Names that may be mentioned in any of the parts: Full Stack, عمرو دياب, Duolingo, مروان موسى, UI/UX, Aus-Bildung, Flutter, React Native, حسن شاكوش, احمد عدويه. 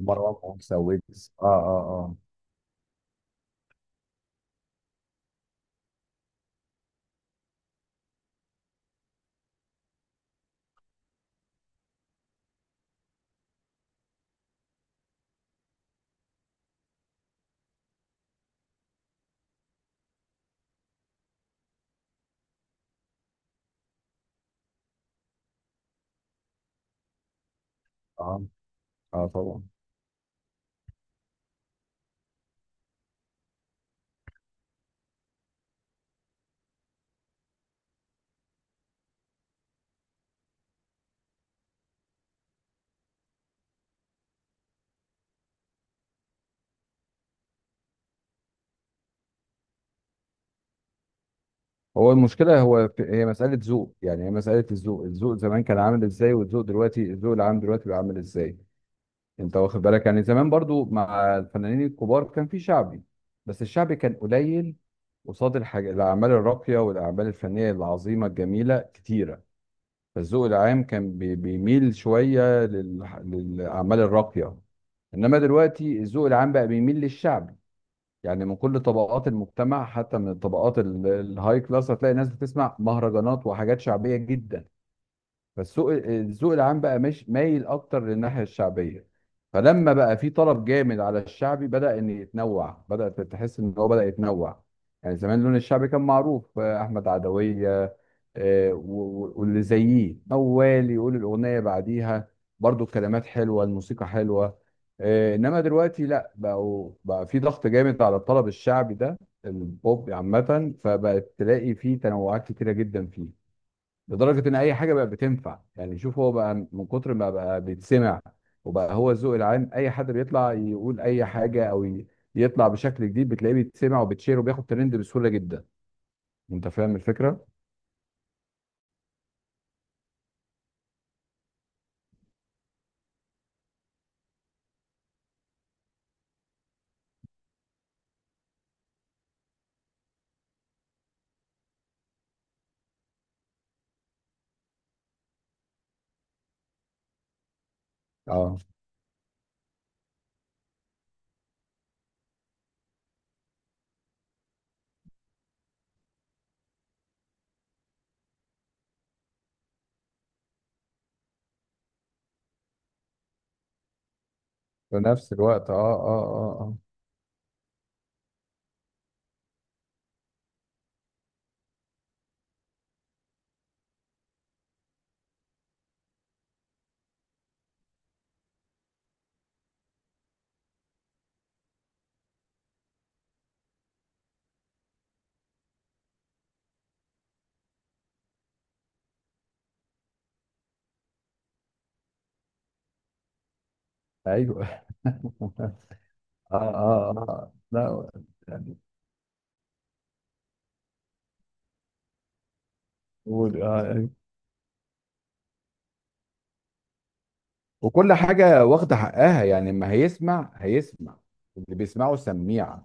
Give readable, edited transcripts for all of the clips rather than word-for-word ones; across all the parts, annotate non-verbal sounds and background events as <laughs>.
مروان موسى ويجز. اه اه اه اه طبعا هو المشكله، هو في، هي مساله ذوق، يعني هي مساله الذوق. الذوق زمان كان عامل ازاي، والذوق دلوقتي، الذوق العام دلوقتي بقى عامل ازاي؟ انت واخد بالك؟ يعني زمان برضو مع الفنانين الكبار كان في شعبي، بس الشعبي كان قليل قصاد الحاجة، الأعمال الراقية والأعمال الفنية العظيمة الجميلة كتيرة. فالذوق العام كان بيميل شوية للأعمال الراقية. إنما دلوقتي الذوق العام بقى بيميل للشعبي. يعني من كل طبقات المجتمع، حتى من الطبقات الهاي كلاس هتلاقي ناس بتسمع مهرجانات وحاجات شعبية جدا. فالسوق، الذوق العام بقى مش مايل اكتر للناحيه الشعبيه. فلما بقى في طلب جامد على الشعبي، بدا ان يتنوع، بدا تحس ان هو بدا يتنوع. يعني زمان لون الشعبي كان معروف، احمد عدويه واللي زيه، موال يقول الاغنيه بعديها، برضو الكلمات حلوه الموسيقى حلوه. انما دلوقتي لا، بقوا بقى في ضغط جامد على الطلب الشعبي ده. البوب عامه، فبقت تلاقي فيه تنوعات كتيره جدا فيه، لدرجه ان اي حاجه بقى بتنفع. يعني شوف، هو بقى من كتر ما بقى بيتسمع وبقى هو الذوق العام، اي حد بيطلع يقول اي حاجه او يطلع بشكل جديد بتلاقيه بيتسمع وبيتشير وبياخد ترند بسهوله جدا. انت فاهم الفكره؟ اه، في نفس الوقت. اه اه ايوه. <laughs> اه لا، يعني قول اه. وكل حاجة واخدة حقها، يعني ما هيسمع، هيسمع اللي بيسمعه سميع.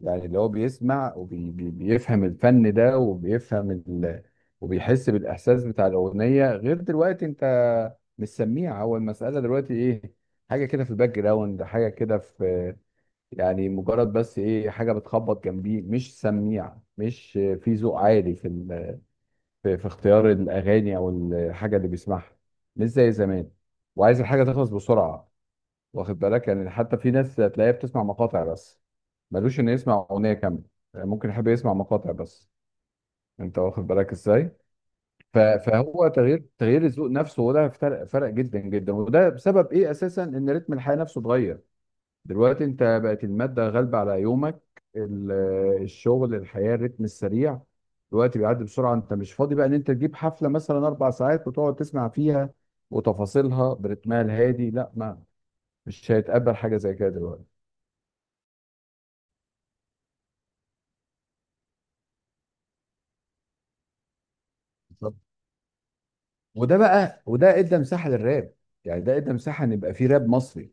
يعني اللي هو بيسمع وبيفهم الفن ده، وبيفهم وبيحس بالإحساس بتاع الأغنية. غير دلوقتي، أنت مش سميع. هو المسألة دلوقتي إيه؟ حاجة كده في الباك جراوند، حاجة كده في، يعني مجرد بس إيه، حاجة بتخبط جنبيه. مش سميع، مش في ذوق عالي في اختيار الأغاني أو الحاجة اللي بيسمعها. مش زي زمان. وعايز الحاجة تخلص بسرعة، واخد بالك؟ يعني حتى في ناس تلاقيها بتسمع مقاطع بس، ملوش انه يسمع اغنيه كامله. يعني ممكن يحب يسمع مقاطع بس. انت واخد بالك ازاي؟ فهو تغيير، تغيير الذوق نفسه. وده فرق، فرق جدا جدا. وده بسبب ايه اساسا؟ ان رتم الحياه نفسه اتغير. دلوقتي انت بقت الماده غالبه على يومك. ال- الشغل، الحياه، الرتم السريع، دلوقتي بيعدي بسرعه. انت مش فاضي بقى ان انت تجيب حفله مثلا 4 ساعات وتقعد تسمع فيها وتفاصيلها برتمها الهادي، لا، ما مش هيتقبل حاجه زي كده دلوقتي. بالظبط. وده بقى، وده ادى مساحه للراب، يعني ده ادى مساحه ان يبقى في راب مصري.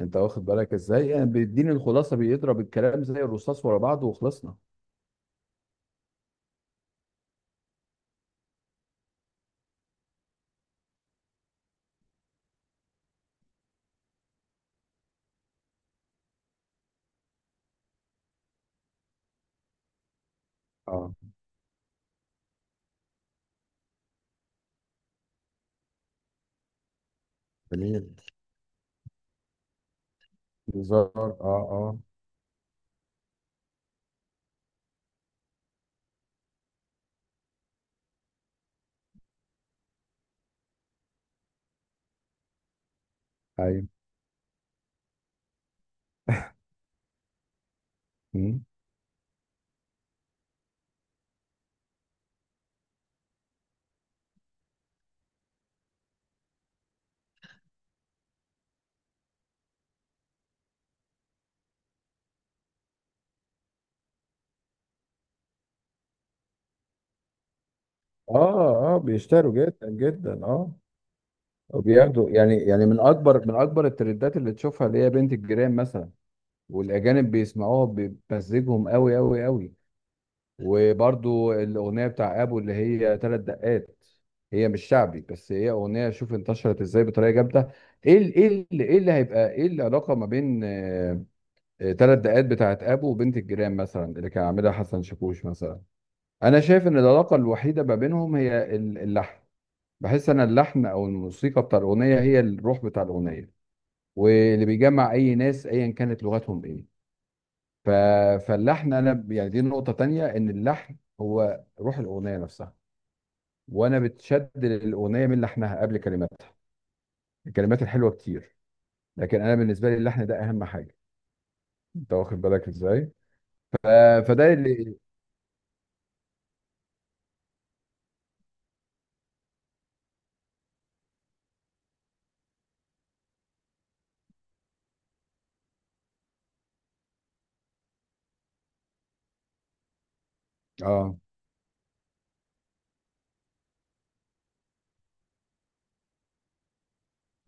انت واخد بالك ازاي؟ يعني بيديني الخلاصه، بيضرب الكلام زي الرصاص ورا بعضه وخلصنا. اه، جميل. بالظبط. اه ايوه. مم. اه بيشتروا جدا جدا، اه. وبياخدوا، يعني يعني من اكبر، من اكبر الترندات اللي تشوفها، اللي هي بنت الجيران مثلا، والاجانب بيسمعوها بمزجهم قوي قوي قوي. وبرضو الأغنية بتاع أبو اللي هي تلات دقات، هي مش شعبي، بس هي أغنية، شوف انتشرت ازاي بطريقة جامدة. ايه ايه ايه اللي هيبقى ايه العلاقة ما بين تلات دقات بتاعت أبو وبنت الجيران مثلا اللي كان عاملها حسن شاكوش مثلا؟ أنا شايف إن العلاقة الوحيدة ما بينهم هي اللحن. بحس أن اللحن أو الموسيقى بتاع الأغنية هي الروح بتاع الأغنية، واللي بيجمع أي ناس أيا كانت لغتهم ايه. ف... فاللحن انا يعني دي نقطة تانية، ان اللحن هو روح الاغنية نفسها. وانا بتشد للاغنية من لحنها قبل كلماتها. الكلمات الحلوة كتير، لكن انا بالنسبة لي اللحن ده اهم حاجة. انت واخد بالك ازاي؟ ف... فده اللي، اه،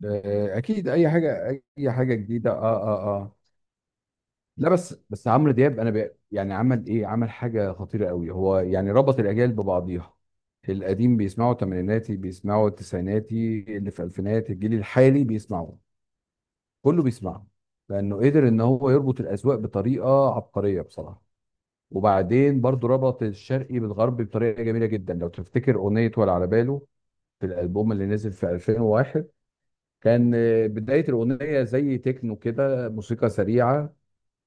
اكيد اي حاجة، اي حاجة جديدة. اه لا بس، بس عمرو دياب انا يعني عمل ايه؟ عمل حاجة خطيرة قوي. هو يعني ربط الاجيال ببعضيها، القديم بيسمعوا، تمانيناتي بيسمعوا، التسعيناتي، اللي في الفينات، الجيل الحالي بيسمعوا، كله بيسمعه. لانه قدر ان هو يربط الاذواق بطريقه عبقريه بصراحه. وبعدين برضو ربط الشرقي بالغربي بطريقه جميله جدا. لو تفتكر اغنيه ولا على باله في الالبوم اللي نزل في 2001، كان بدايه الاغنيه زي تكنو كده، موسيقى سريعه،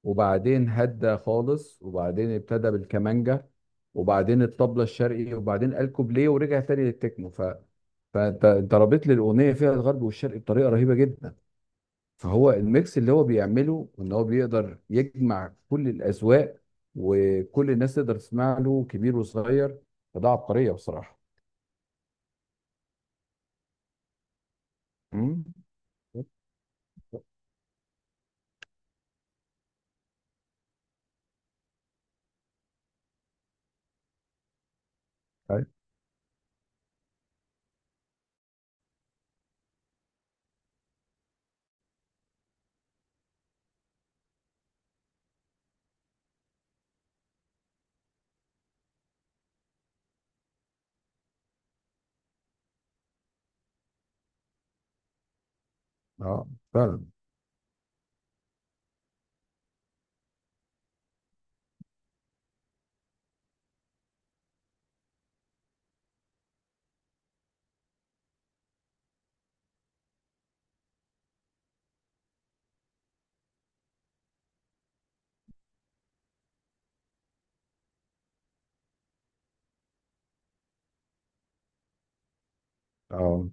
وبعدين هدى خالص، وبعدين ابتدى بالكمانجا، وبعدين الطبلة الشرقي، وبعدين قال كوبليه ورجع تاني للتكنو. فانت، انت رابط لي الاغنيه فيها الغرب والشرق بطريقه رهيبه جدا. فهو الميكس اللي هو بيعمله، ان هو بيقدر يجمع كل الاذواق، وكل الناس تقدر تسمع له، كبير وصغير. فده عبقريه بصراحه. مم. أي. اه، فعلا. اه،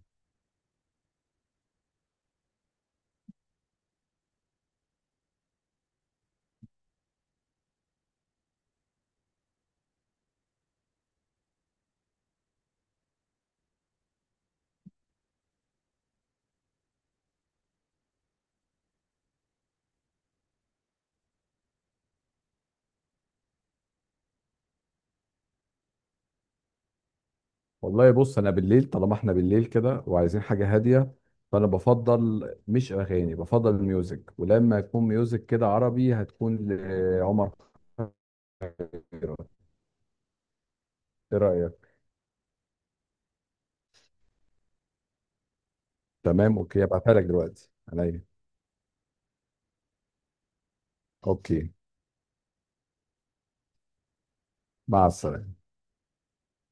والله بص انا بالليل، طالما احنا بالليل كده وعايزين حاجه هاديه، فانا بفضل مش اغاني، بفضل ميوزك، ولما يكون ميوزك كده عربي هتكون لعمر خيرت. ايه رايك؟ تمام، اوكي، هبعتها لك دلوقتي عليا. اوكي، مع السلامه.